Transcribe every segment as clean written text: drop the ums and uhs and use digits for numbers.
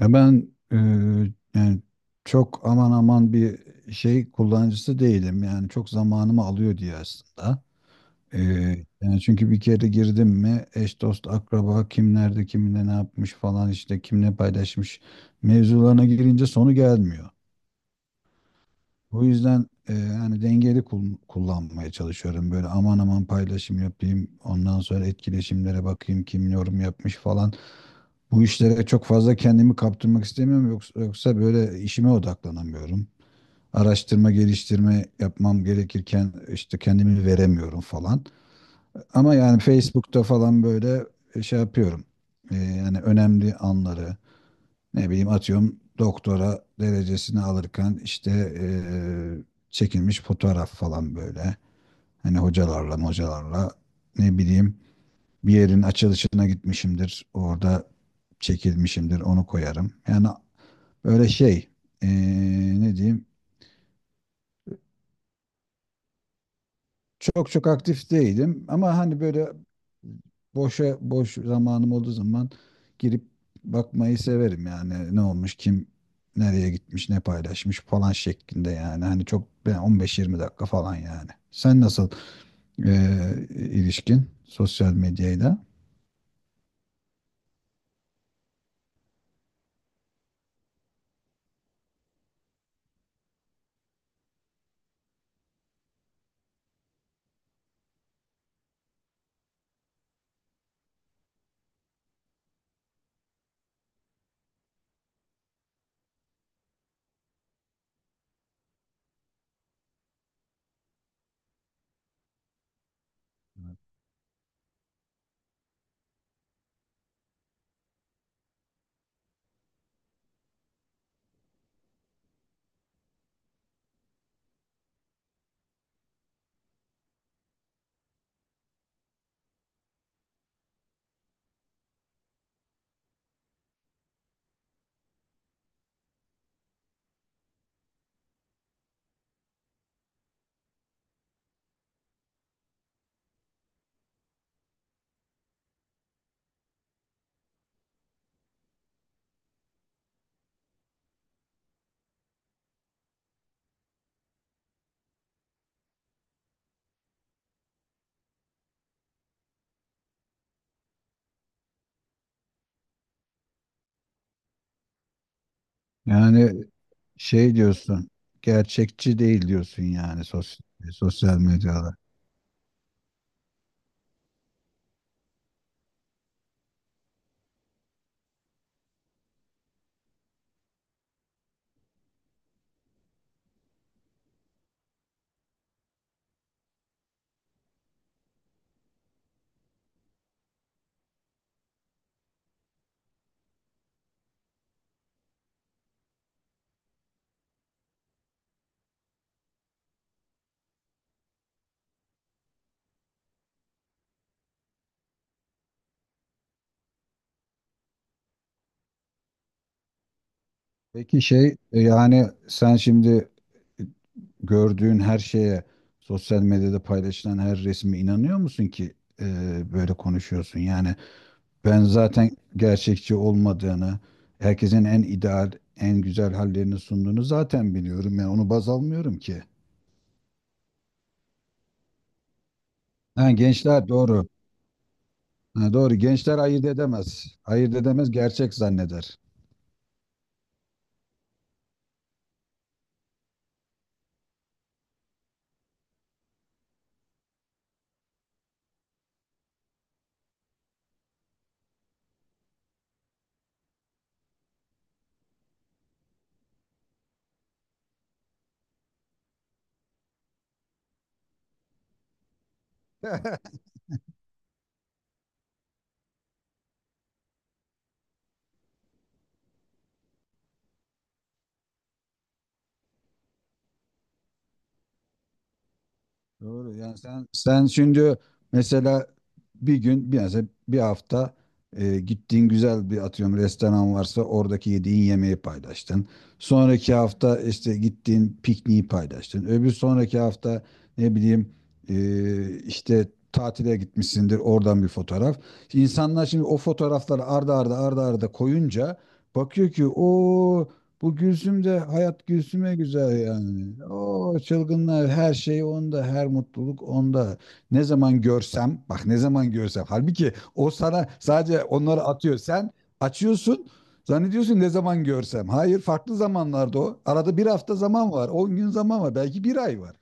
Ya ben yani çok aman aman bir şey kullanıcısı değilim. Yani çok zamanımı alıyor diye aslında. E, Yani çünkü bir kere girdim mi eş dost akraba kim nerede kiminle ne yapmış falan işte kim ne paylaşmış mevzularına girince sonu gelmiyor. O yüzden yani dengeli kullanmaya çalışıyorum. Böyle aman aman paylaşım yapayım. Ondan sonra etkileşimlere bakayım kim yorum yapmış falan. Bu işlere çok fazla kendimi kaptırmak istemiyorum. Yoksa böyle işime odaklanamıyorum. Araştırma, geliştirme yapmam gerekirken işte kendimi veremiyorum falan. Ama yani Facebook'ta falan böyle şey yapıyorum. Yani önemli anları ne bileyim atıyorum doktora derecesini alırken işte eee, çekilmiş fotoğraf falan böyle. Hani hocalarla ne bileyim bir yerin açılışına gitmişimdir. Orada çekilmişimdir onu koyarım. Yani öyle şey eee, ne diyeyim. Çok çok aktif değilim ama hani böyle boşa boş zamanım olduğu zaman girip bakmayı severim yani ne olmuş kim nereye gitmiş ne paylaşmış falan şeklinde yani hani çok yani 15-20 dakika falan yani. Sen nasıl e, ilişkin sosyal medyayla? Yani şey diyorsun gerçekçi değil diyorsun yani sosyal medyada. Peki şey yani sen şimdi gördüğün her şeye, sosyal medyada paylaşılan her resme inanıyor musun ki e, böyle konuşuyorsun? Yani ben zaten gerçekçi olmadığını, herkesin en ideal, en güzel hallerini sunduğunu zaten biliyorum. Yani onu baz almıyorum ki. Ha, gençler doğru. Ha, doğru. Gençler ayırt edemez. Ayırt edemez, gerçek zanneder. Doğru. Yani sen şimdi mesela bir hafta gittiğin güzel bir atıyorum restoran varsa oradaki yediğin yemeği paylaştın. Sonraki hafta işte gittiğin pikniği paylaştın. Öbür sonraki hafta ne bileyim işte tatile gitmişsindir oradan bir fotoğraf. İnsanlar şimdi o fotoğrafları arda arda arda arda koyunca bakıyor ki o bu Gülsüm de hayat Gülsüm'e güzel yani. O çılgınlar her şey onda, her mutluluk onda. Ne zaman görsem, bak ne zaman görsem. Halbuki o sana sadece onları atıyor. Sen açıyorsun, zannediyorsun ne zaman görsem. Hayır, farklı zamanlarda o. Arada bir hafta zaman var, 10 gün zaman var, belki bir ay var.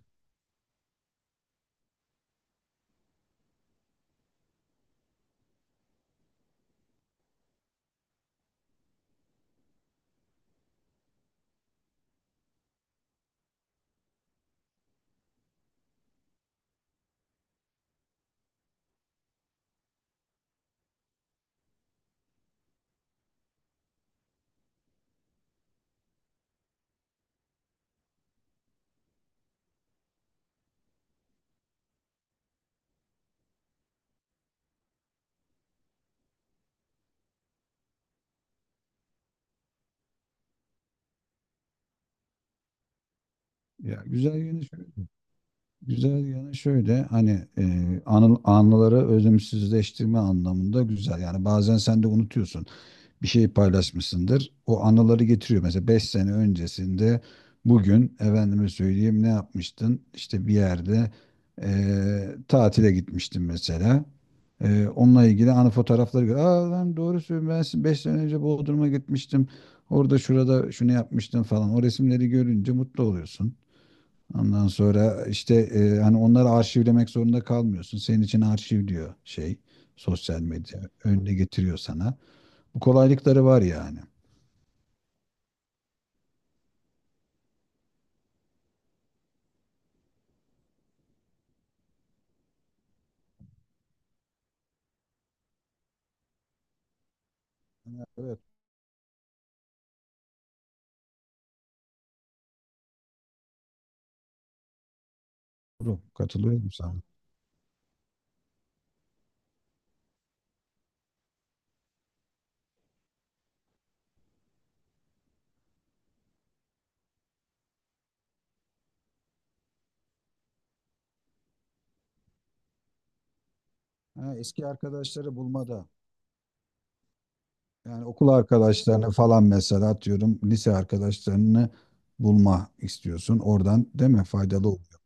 Ya güzel yanı şöyle, güzel yanı şöyle hani e, anıları özümsüzleştirme anlamında güzel. Yani bazen sen de unutuyorsun. Bir şey paylaşmışsındır. O anıları getiriyor. Mesela 5 sene öncesinde bugün efendime söyleyeyim ne yapmıştın? İşte bir yerde tatile gitmiştin mesela. Onunla ilgili anı fotoğrafları gör. Aa lan doğru söylüyorsun ben 5 sene önce Bodrum'a gitmiştim. Orada şurada şunu yapmıştım falan. O resimleri görünce mutlu oluyorsun. Ondan sonra işte hani onları arşivlemek zorunda kalmıyorsun. Senin için arşivliyor şey sosyal medya önüne getiriyor sana. Bu kolaylıkları var yani. Ha, evet, doğru. Katılıyorum sana. Ha, eski arkadaşları bulmada. Yani okul arkadaşlarını falan mesela atıyorum lise arkadaşlarını bulma istiyorsun. Oradan değil mi faydalı oluyor.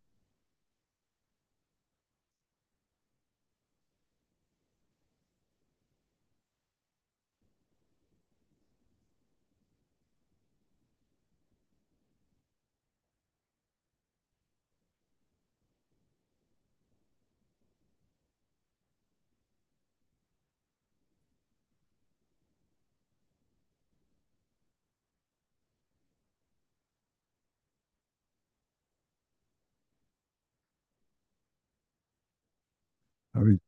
Tabii.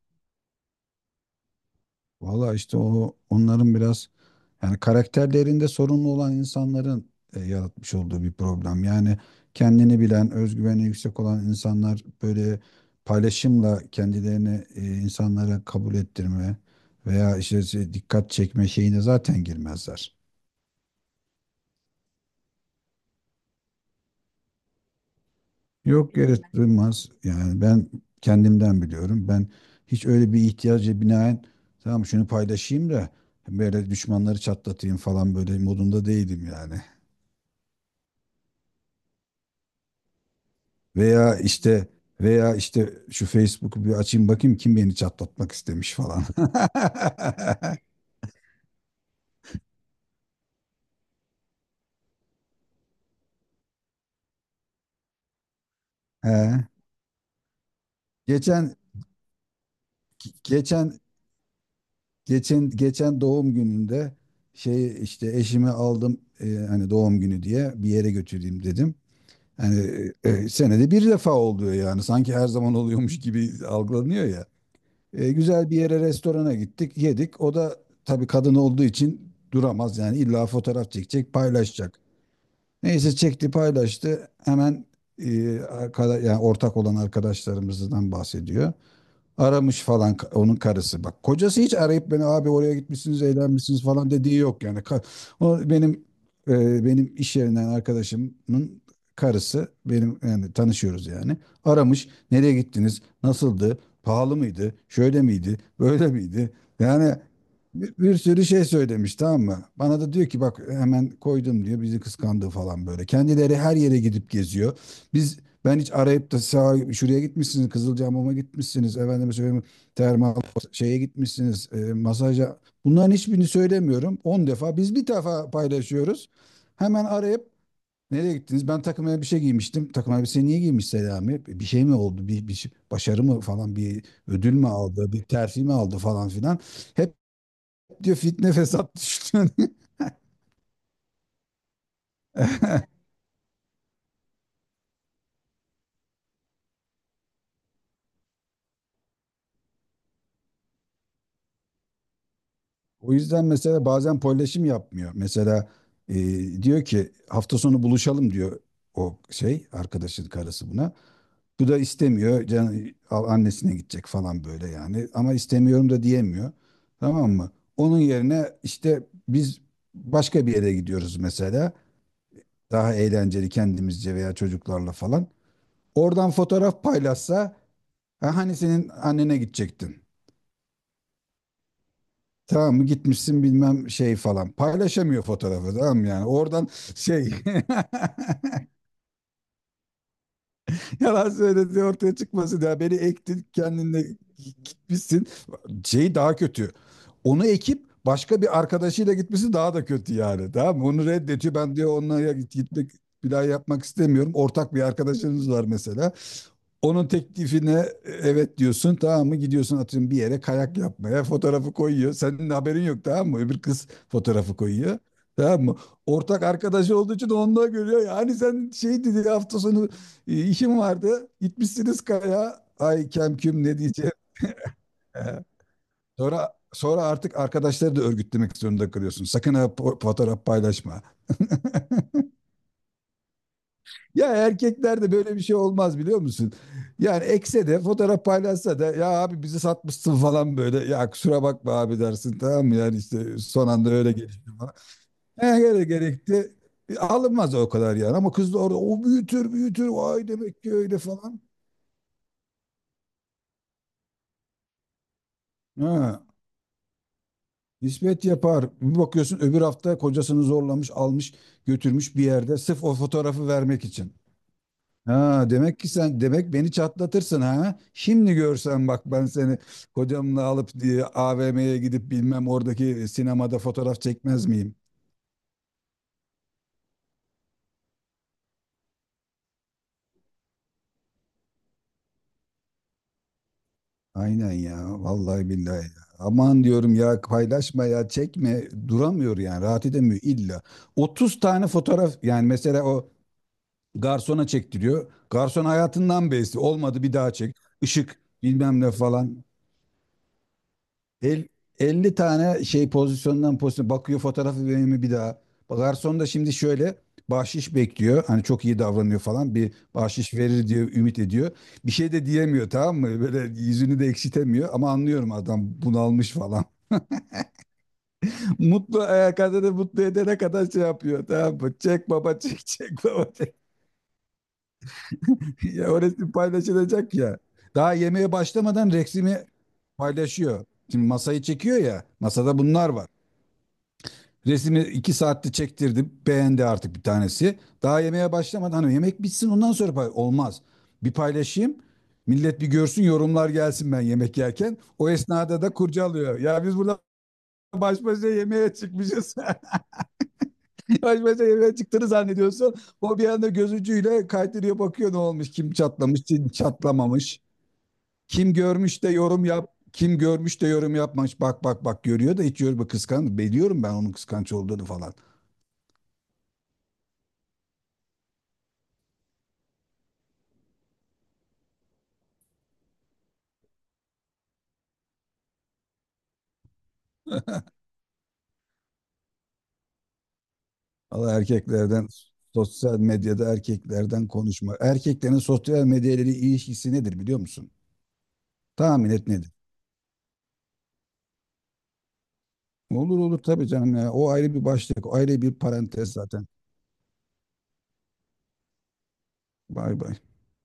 Valla işte o onların biraz yani karakterlerinde sorunlu olan insanların yaratmış olduğu bir problem. Yani kendini bilen, özgüveni yüksek olan insanlar böyle paylaşımla kendilerini insanlara kabul ettirme veya işte dikkat çekme şeyine zaten girmezler. Yok yere girmez. Yani ben kendimden biliyorum. Ben hiç öyle bir ihtiyaca binaen tamam şunu paylaşayım da böyle düşmanları çatlatayım falan böyle modunda değilim yani. Veya işte veya işte şu Facebook'u bir açayım bakayım kim beni çatlatmak istemiş falan. He. Geçen geçen geçen doğum gününde şey işte eşimi aldım hani doğum günü diye bir yere götüreyim dedim. Hani senede bir defa oluyor yani sanki her zaman oluyormuş gibi algılanıyor ya. Güzel bir yere restorana gittik yedik. O da tabii kadın olduğu için duramaz yani illa fotoğraf çekecek paylaşacak. Neyse çekti paylaştı. Hemen arkada, yani ortak olan arkadaşlarımızdan bahsediyor. Aramış falan onun karısı. Bak kocası hiç arayıp beni abi oraya gitmişsiniz, eğlenmişsiniz falan dediği yok yani. O benim benim iş yerinden arkadaşımın karısı benim yani tanışıyoruz yani. Aramış. Nereye gittiniz? Nasıldı? Pahalı mıydı? Şöyle miydi? Böyle miydi? Yani bir sürü şey söylemiş tamam mı? Bana da diyor ki bak hemen koydum diyor bizi kıskandı falan böyle. Kendileri her yere gidip geziyor. Biz ben hiç arayıp da sağa, şuraya gitmişsiniz, Kızılcahamam'a gitmişsiniz, efendime söyleyeyim, termal şeye gitmişsiniz, masaja. Bunların hiçbirini söylemiyorum. 10 defa. Biz bir defa paylaşıyoruz. Hemen arayıp nereye gittiniz? Ben takım elbise giymiştim. Takım elbise niye giymiş Selami? Bir şey mi oldu? Başarı mı falan? Bir ödül mü aldı? Bir terfi mi aldı falan filan? Hep diyor fitne fesat düştü. O yüzden mesela bazen paylaşım yapmıyor. Mesela e, diyor ki hafta sonu buluşalım diyor o şey arkadaşın karısı buna. Bu da istemiyor. Can, al annesine gidecek falan böyle yani. Ama istemiyorum da diyemiyor. Tamam mı? Onun yerine işte biz başka bir yere gidiyoruz mesela. Daha eğlenceli kendimizce veya çocuklarla falan. Oradan fotoğraf paylaşsa "Ha, hani senin annene gidecektin. Tamam mı gitmişsin bilmem şey falan." Paylaşamıyor fotoğrafı tamam mı yani. Oradan şey. Yalan söylediği ortaya çıkmasın ya. Beni ektin kendinle gitmişsin. Şey daha kötü. Onu ekip başka bir arkadaşıyla gitmesi daha da kötü yani. Tamam mı? Onu reddediyor. Ben diyor onunla gitmek bir daha yapmak istemiyorum. Ortak bir arkadaşınız var mesela. Onun teklifine evet diyorsun tamam mı gidiyorsun atıyorum bir yere kayak yapmaya fotoğrafı koyuyor. Senin de haberin yok tamam mı? Öbür kız fotoğrafı koyuyor. Tamam mı? Ortak arkadaşı olduğu için onu da görüyor. Yani sen şey dedi hafta sonu İşim vardı. Gitmişsiniz kaya. Ay kem küm ne diyeceğim. E, sonra artık arkadaşları da örgütlemek zorunda kalıyorsun. Sakın ha fotoğraf paylaşma. Ya erkeklerde böyle bir şey olmaz biliyor musun? Yani ekse de fotoğraf paylaşsa da ya abi bizi satmışsın falan böyle. Ya kusura bakma abi dersin tamam mı? Yani işte son anda öyle gelişti falan. He, öyle gerekti. Alınmaz o kadar yani ama kız da orada o büyütür büyütür vay demek ki öyle falan. Ha. Nispet yapar. Bir bakıyorsun öbür hafta kocasını zorlamış, almış, götürmüş bir yerde sırf o fotoğrafı vermek için. Ha demek ki sen demek beni çatlatırsın ha. Şimdi görsen bak ben seni kocamla alıp diye AVM'ye gidip bilmem oradaki sinemada fotoğraf çekmez miyim? Aynen ya vallahi billahi ya. Aman diyorum ya paylaşma ya çekme duramıyor yani rahat edemiyor illa. 30 tane fotoğraf yani mesela o garsona çektiriyor. Garson hayatından bezdi. Olmadı bir daha çek. Işık bilmem ne falan. El, 50 tane şey pozisyondan pozisyona bakıyor fotoğrafı vereyim mi bir daha. Garson da şimdi şöyle bahşiş bekliyor. Hani çok iyi davranıyor falan. Bir bahşiş verir diye ümit ediyor. Bir şey de diyemiyor tamam mı? Böyle yüzünü de ekşitemiyor ama anlıyorum adam bunalmış falan. Mutlu kadını mutlu edene kadar şey yapıyor tamam mı? Çek baba çek çek baba çek. Ya o resim paylaşılacak ya. Daha yemeğe başlamadan resmi paylaşıyor. Şimdi masayı çekiyor ya. Masada bunlar var. Resmi 2 saatte çektirdi. Beğendi artık bir tanesi. Daha yemeğe başlamadan hani yemek bitsin ondan sonra olmaz. Bir paylaşayım. Millet bir görsün yorumlar gelsin ben yemek yerken. O esnada da kurcalıyor. Ya biz burada baş başa yemeğe çıkmışız. Baş başa yemeğe çıktığını zannediyorsun. O bir anda göz ucuyla kaydırıyor bakıyor ne olmuş kim çatlamış kim çatlamamış. Kim görmüş de yorum yap. Kim görmüş de yorum yapmamış. Bak bak bak görüyor da hiç yorum kıskan. Biliyorum ben onun kıskanç olduğunu falan. Allah erkeklerden sosyal medyada erkeklerden konuşma. Erkeklerin sosyal medyayla ilişkisi nedir biliyor musun? Tahmin et nedir? Olur olur tabii canım ya. O ayrı bir başlık. O ayrı bir parantez zaten. Bay bay.